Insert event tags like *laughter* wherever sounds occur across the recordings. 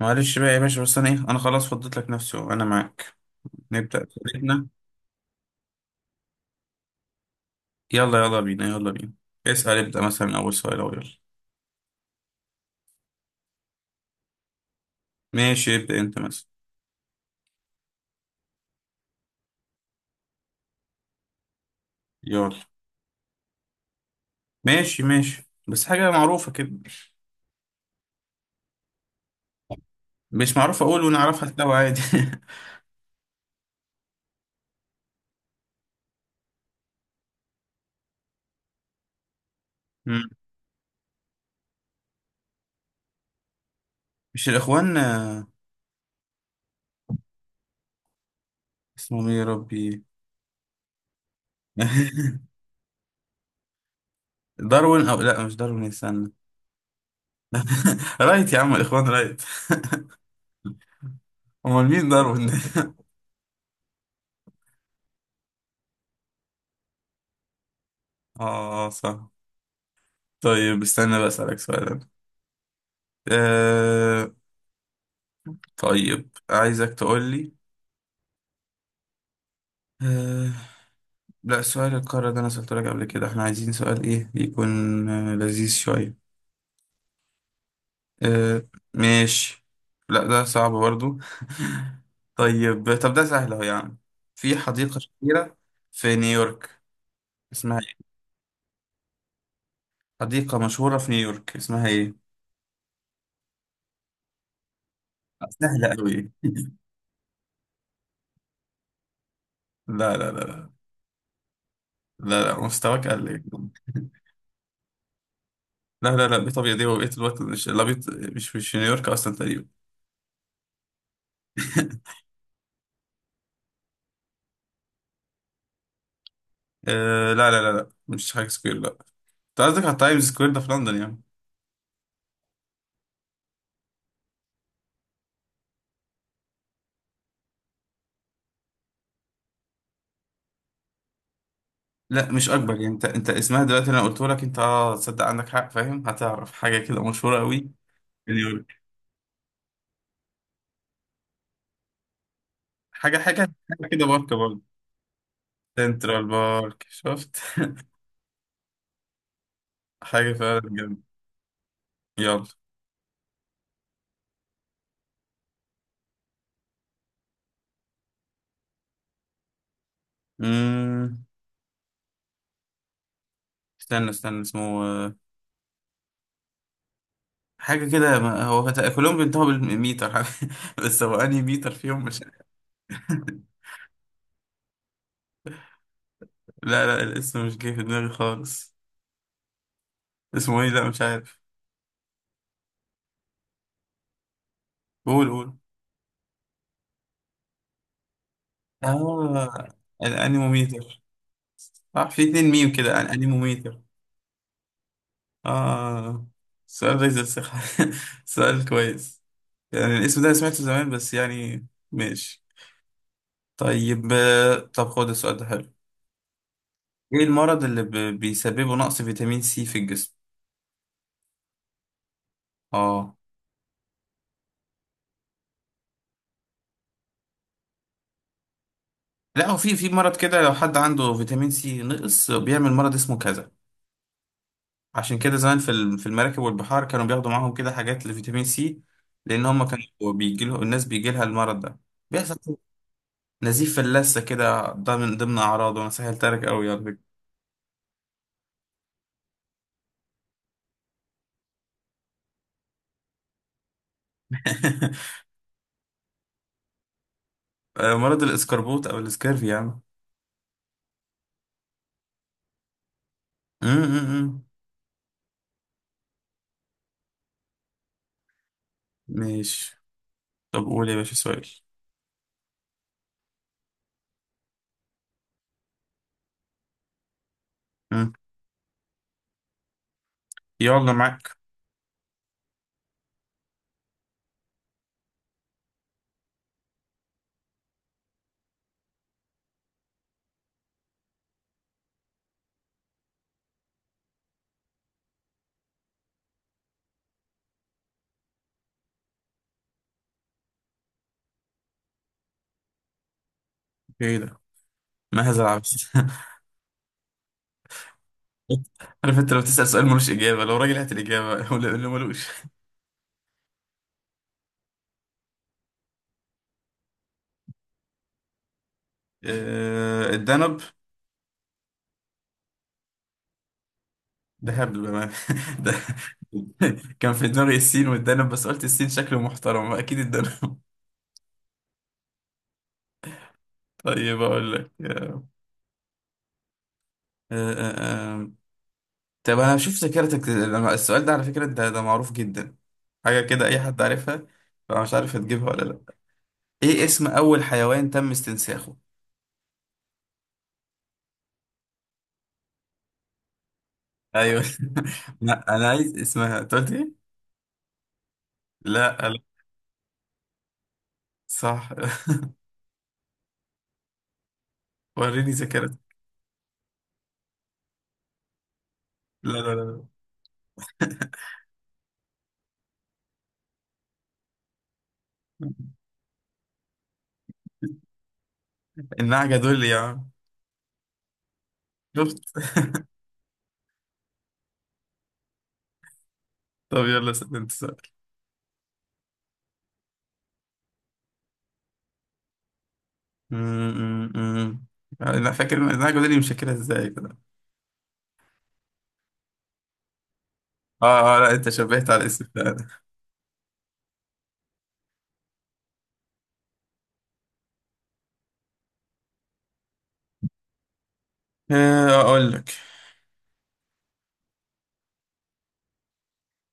معلش بقى يا باشا، بس انا ايه انا خلاص فضيت لك نفسي، انا معاك. نبدأ اسئلتنا. يلا يلا بينا، يلا بينا. اسأل، ابدأ مثلا من اول سؤال، او يلا. ماشي ابدأ انت مثلا. يلا. ماشي ماشي. بس حاجة معروفة كده. مش معروفة اقول ونعرفها سوا عادي. *laughs* مم. مش الاخوان، اسمهم ايه يا ربي؟ *laughs* داروين، او لا مش داروين، استنى. *laughs* رايت يا عم، الاخوان رايت. *laughs* امال مين داروين ده؟ *laughs* اه صح. طيب استنى بقى اسألك سؤال أنا. آه، طيب عايزك تقولي. آه... لا، سؤال القارة ده أنا سألته لك قبل كده، احنا عايزين سؤال إيه يكون، لذيذ شوية. آه... ماشي. لا ده صعب برضو. *laughs* طيب، طب ده سهل أهو يعني. في حديقة شهيرة في نيويورك، اسمها إيه؟ حديقة مشهورة في نيويورك، اسمها إيه؟ سهلة أوي. *laughs* لا لا لا لا. لا لا مستواك قل. لا لا لا بطبيعة دي وبقية الوقت، مش لا بيط... مش في نيويورك أصلا تقريبا. *laughs* آه لا لا لا لا، مش حاجة سكوير لا. انت قصدك على تايمز سكوير، ده في لندن يعني؟ لا مش اكبر يعني، انت اسمها دلوقتي، انا قلت لك انت اه تصدق عندك حق، فاهم هتعرف حاجة كده مشهورة قوي. في نيويورك. حاجة حاجة حاجة كده بارك برضه. سنترال بارك، شفت. *laughs* حاجة فعلا جامدة. يلا. امم استنى استنى، اسمه حاجة كده ما- هو فت- كلهم بينتهوا بالميتر. *laughs* بس هو انهي ميتر فيهم مش. *laughs* لا لا، الاسم مش جاي في دماغي خالص. اسمه ايه؟ لا مش عارف. قول قول. آه، الأنيموميتر. صح، في اتنين ميم كده، الأنيموميتر. آه، سؤال غيظ الثقة. *laughs* سؤال كويس. يعني الاسم ده أنا سمعته زمان بس يعني. ماشي. طيب طب خد السؤال ده حلو. ايه المرض اللي ب- بيسببه نقص فيتامين سي في الجسم؟ اه. لا، هو في مرض كده، لو حد عنده فيتامين سي نقص بيعمل مرض اسمه كذا. عشان كده زمان في المراكب والبحار، كانوا بياخدوا معاهم كده حاجات لفيتامين سي، لأن هم كانوا بيجيلهم، الناس بيجيلها المرض ده، بيحصل نزيف فلاسة كده، ده من ضمن أعراضه. أنا سهلت لك أوي على فكرة. *laughs* مرض الإسكربوت أو الإسكرف يا عم. أم، أم، أم. ماشي. طب قول يا باشا سؤال. أم. يلا معاك. إيه ده؟ ماذا العبس؟ *laughs* عارف أنت لو تسأل سؤال ملوش إجابة لو راجل هات الإجابة *laughs* ولا اللي ملوش. الدنب. ده هبل بأمانة. *laughs* ده كان في دماغي السين والدنب، بس قلت السين شكله محترم، أكيد الدنب. *laughs* طيب أقول لك. آه، آه، آه. طب انا بشوف ذاكرتك، لما- السؤال ده على فكرة انت ده معروف جدا، حاجة كده اي حد عارفها، فانا مش عارف هتجيبها ولا لا. ايه اسم اول حيوان تم استنساخه؟ ايوه. *laughs* لا انا عايز اسمها انت قلت ايه. لا لا. صح. *laughs* وريني ذاكرتك. لا لا لا. لا. النعجة دول يا عم. شفت. *laughs* طب يلا سأل انت سؤال. م- م- م. انا فاكر إن النعجة دول، مش فاكرها ازاي كده. اه اه، لا انت شبهت على الاسم فعلا. اقول لك.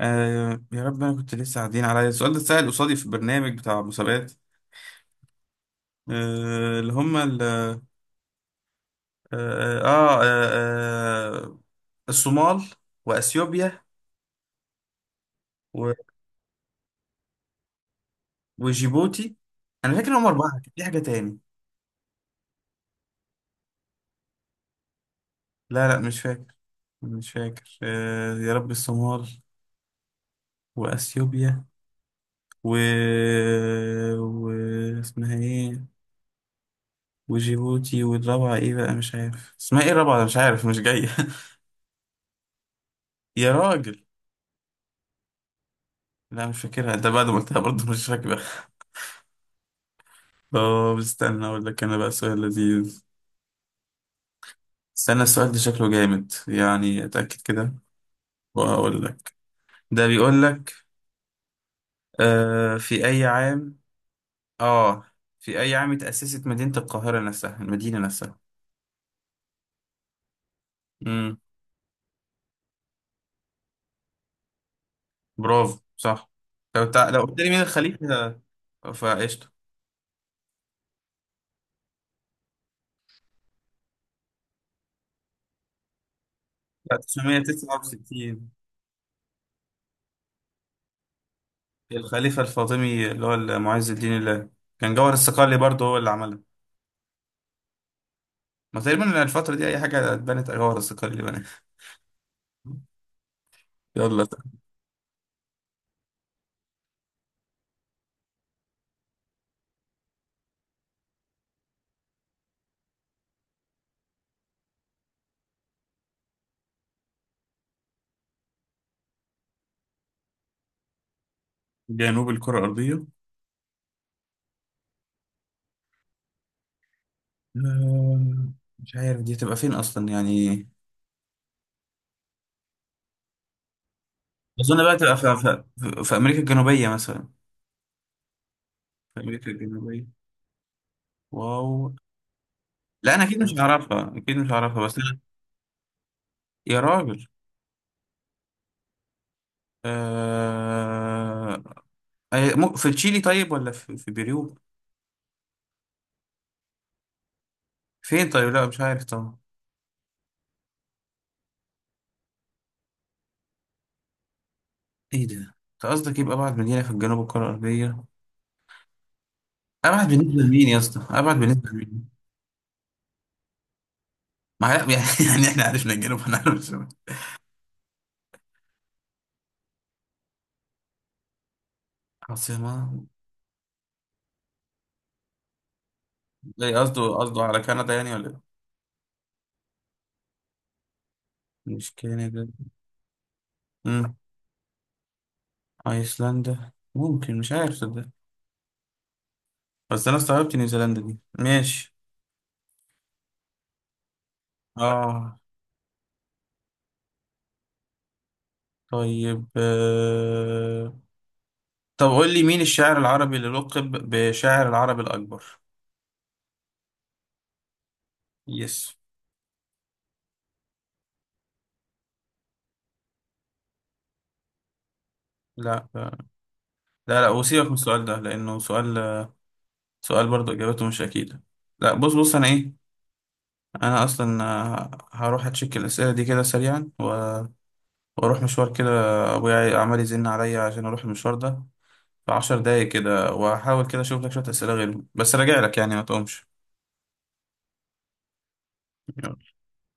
آه يا رب، انا كنت لسه قاعدين عليا السؤال ده اتسأل قصادي في برنامج بتاع مسابقات. آه اللي هم ال آه, آه, آه, آه آه، الصومال واثيوبيا و- وجيبوتي. انا فاكر هم اربعه، كان في حاجه تاني. لا لا مش فاكر. مش فاكر. آه يا رب، الصومال واثيوبيا و... و اسمها ايه؟ وجيبوتي، والرابعه ايه بقى؟ مش عارف اسمها ايه الرابعه، مش عارف مش جايه. *laughs* يا راجل. لا مش فاكرها، انت بعد ما قلتها برضه مش فاكرة. طب استنى اقول لك انا بقى سؤال لذيذ. استنى السؤال ده شكله جامد، يعني اتأكد كده واقول لك. ده بيقول لك في اي عام، اه، في اي عام اتأسست مدينة القاهرة نفسها، المدينة نفسها؟ امم. برافو صح. لو تع... لو قلت لي مين الخليفة فقشطة. لا 969. الخليفة الفاطمي اللي هو معز الدين الله، كان جوهر الصقلي برضه هو اللي عملها. ما تقريبا الفترة دي أي حاجة اتبنت، هو الرصاقية اللي بناها. يلا. جنوب الكرة الأرضية، آه، مش عارف دي هتبقى فين أصلا يعني. أظن بقى تبقى في, في, في, في أمريكا الجنوبية مثلا. في أمريكا الجنوبية. واو. لا أنا أكيد مش هعرفها، أكيد مش هعرفها، بس أنا. يا راجل. آه... أي- مو- في تشيلي طيب، ولا في, في بيرو؟ فين طيب، لا مش عارف طبعا. إيه ده؟ أنت قصدك يبقى أبعد مدينة في الجنوب الكرة الأرضية؟ أبعد بالنسبة لمين يا اسطى؟ أبعد بالنسبة لمين؟ ما هي- *laughs* يعني احنا عرفنا الجنوب هنعرف الشمال. عاصمة. زي قصده على كندا يعني ولا إيه؟ مش كندا. امم. ايسلندا ممكن، مش عارف صدق، بس انا استغربت نيوزيلندا دي ماشي. اه. طيب طب قول لي مين الشاعر العربي اللي لقب بشاعر العرب الأكبر؟ يس. لا لا لا، وسيبك من السؤال ده لأنه سؤال، سؤال برضه إجابته مش أكيدة. لا بص بص، أنا إيه، أنا أصلا هروح أتشيك الأسئلة دي كده سريعا، واروح مشوار كده، ابويا عمال يزن عليا عشان اروح المشوار ده في 10 دقايق كده، وهحاول كده اشوف لك شويه اسئله غيرهم، بس راجع لك يعني، ما تقومش.